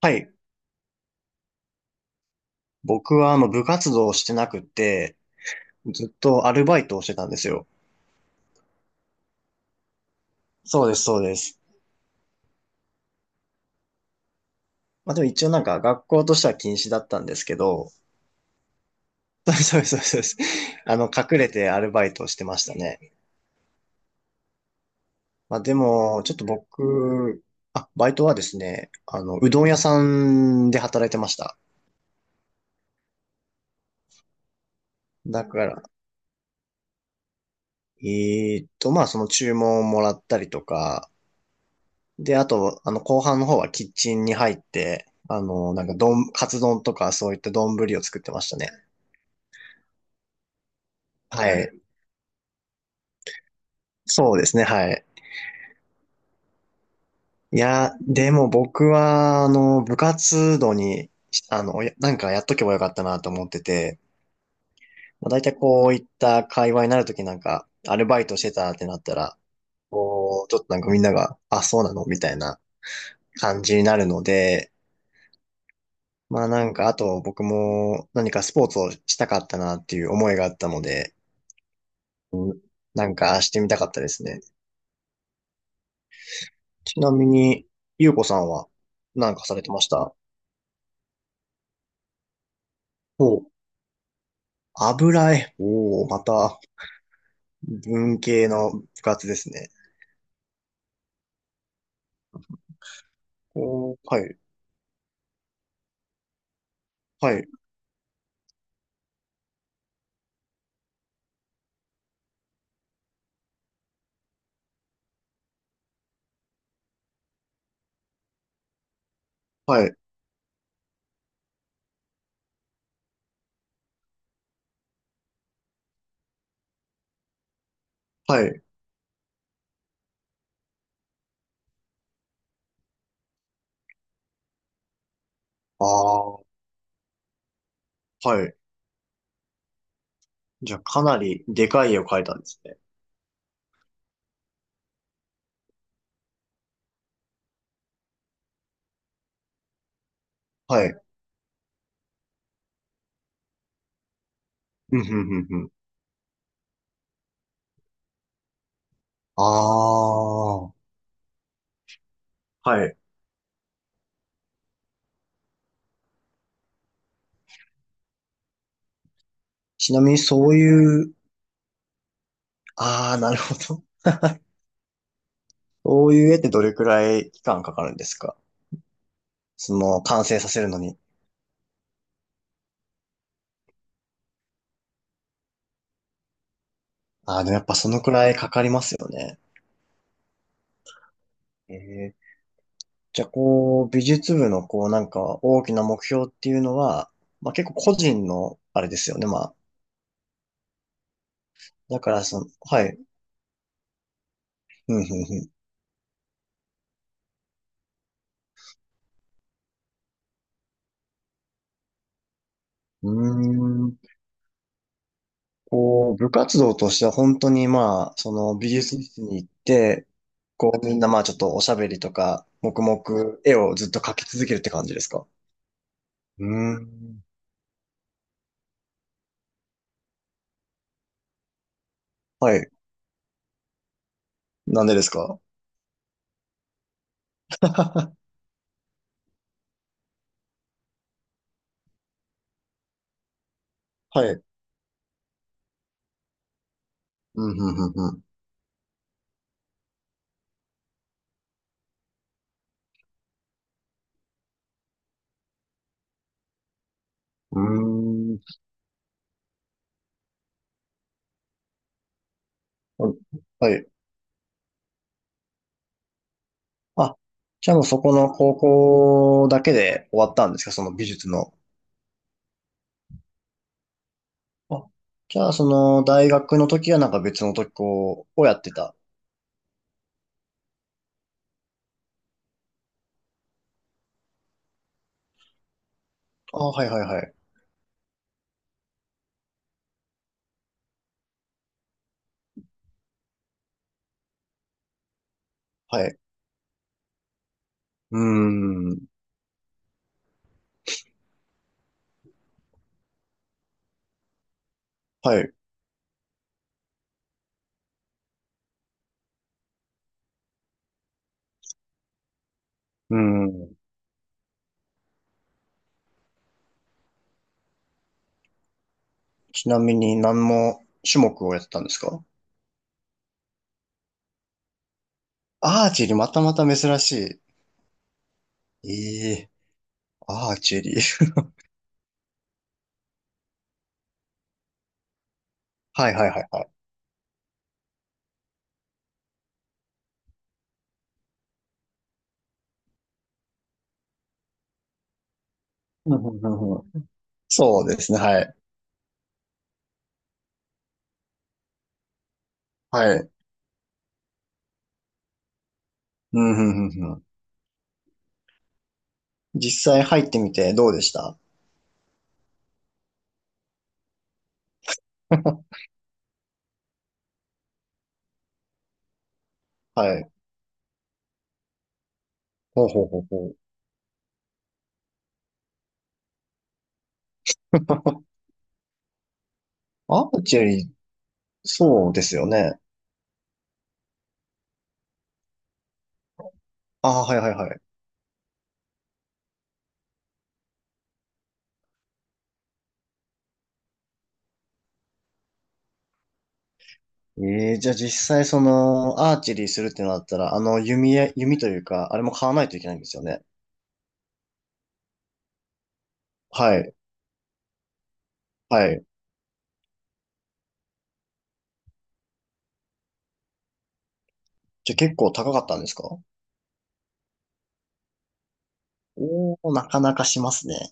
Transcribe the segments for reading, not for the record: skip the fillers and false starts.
はい。僕はあの部活動をしてなくて、ずっとアルバイトをしてたんですよ。そうです、そうです。まあでも一応なんか学校としては禁止だったんですけど、そうです、そうです、そうです。あの、隠れてアルバイトをしてましたね。まあでも、ちょっと僕、あ、バイトはですね、あの、うどん屋さんで働いてました。だから、まあその注文をもらったりとか、で、あと、あの、後半の方はキッチンに入って、あの、なんか、丼、カツ丼とかそういった丼を作ってましたね。はい。そうですね、はい。いや、でも僕は、あの、部活動に、あの、やなんかやっとけばよかったなと思ってて、まあ、大体こういった会話になるときなんか、アルバイトしてたってなったら、こう、ちょっとなんかみんなが、あ、そうなのみたいな感じになるので、まあなんか、あと僕も何かスポーツをしたかったなっていう思いがあったので、なんかしてみたかったですね。ちなみに、ゆうこさんはなんかされてました？お、油絵。おお、また文系の部活ですね。おー、はい、はい、はい、はい。ああ、はい。じゃあかなりでかい絵を描いたんですね。はい。うん、うん、うん、うん。ああ、はい。ちなみにそういう、ああ、なるほど。そういう絵ってどれくらい期間かかるんですか？その完成させるのに。ああ、でもやっぱそのくらいかかりますよね。えー、じゃあ、こう、美術部の、こう、なんか、大きな目標っていうのは、まあ、結構個人の、あれですよね。まあ、だから、その、はい。うん、うん、うん。うーん、こう、部活動としては本当に、まあ、その、美術室に行って、こう、みんな、まあ、ちょっとおしゃべりとか、黙々、絵をずっと描き続けるって感じですか？うーん。はい。なんでですか？はい。うん、うん、うん、うん。うーん。はい。あ、じゃあもうそこの高校だけで終わったんですか、その美術の。あ、じゃあその大学の時はなんか別の時こう、をやってた。あ、はいはいはい。はい。うーん。はい。うーん。ちなみに何の種目をやってたんですか？アーチェリー、またまた珍しい。ええ、アーチェリー。はいはいはいはい。うんうんうんうん、そうですね、はい。はい。うんうんうんうん、実際入ってみてどうでした？ はい。ほうほうほうほう。アーチェリー、そうですよね。ああ、はいはいはい。えー、じゃあ実際その、アーチェリーするってなったら、あの、弓や、弓というか、あれも買わないといけないんですよね。はい、はい。じゃあ結構高かったんですか？おー、なかなかしますね。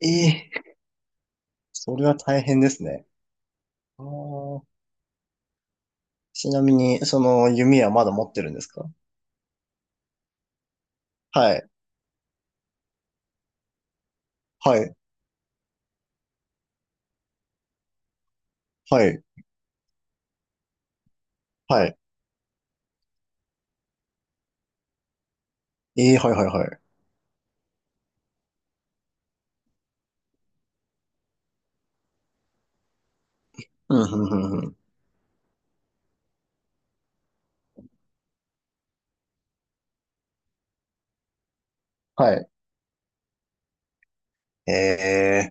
えー、それは大変ですね。あー、ちなみに、その、弓はまだ持ってるんですか？はい、はい、はい、はい。えー、はいはいはい。うん、うん、うん、うん。はい。ええ、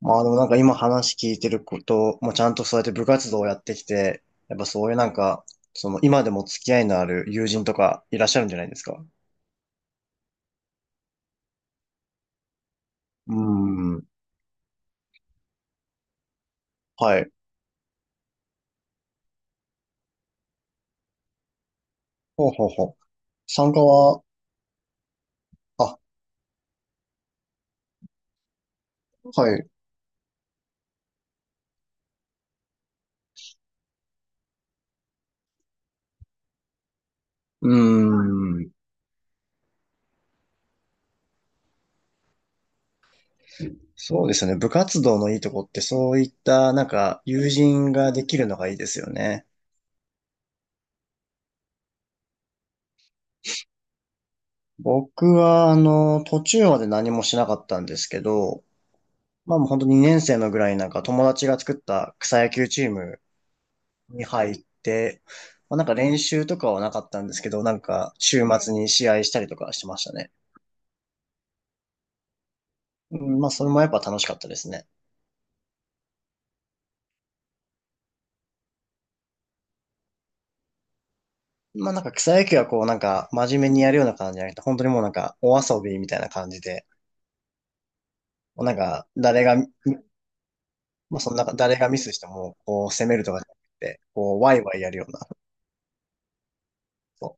まあでもなんか今話聞いてること、もちゃんとそうやって部活動をやってきて、やっぱそういうなんか、その今でも付き合いのある友人とかいらっしゃるんじゃないですか？うーん。はい。ほうほうほう。参加は、あ、はい。うーん。そうですね。部活動のいいとこってそういったなんか友人ができるのがいいですよね。僕はあの、途中まで何もしなかったんですけど、まあもう本当2年生のぐらいになんか友達が作った草野球チームに入って、まあ、なんか練習とかはなかったんですけど、なんか週末に試合したりとかしてましたね。うん、まあそれもやっぱ楽しかったですね。まあなんか草野球はこうなんか真面目にやるような感じじゃなくて、本当にもうなんかお遊びみたいな感じで、もうなんか誰が、まあそのなんか誰がミスしてもこう攻めるとかじゃなくて、こうワイワイやるような。そ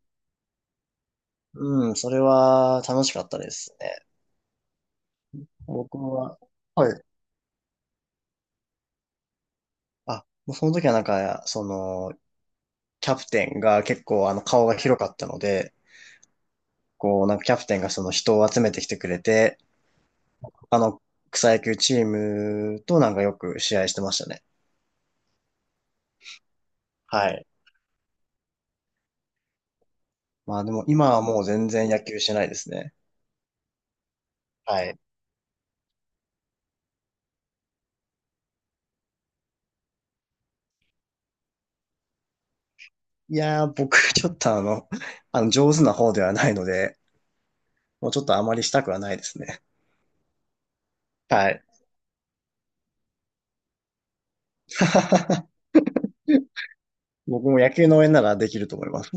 う。うん、それは楽しかったですね。僕は、はい。あ、もうその時はなんか、その、キャプテンが結構あの顔が広かったので、こう、なんかキャプテンがその人を集めてきてくれて、他の草野球チームとなんかよく試合してましたね。はい。まあでも今はもう全然野球してないですね。はい。いやー、僕ちょっとあの、あの上手な方ではないので、もうちょっとあまりしたくはないですね。はい。僕も野球の応援ならできると思います。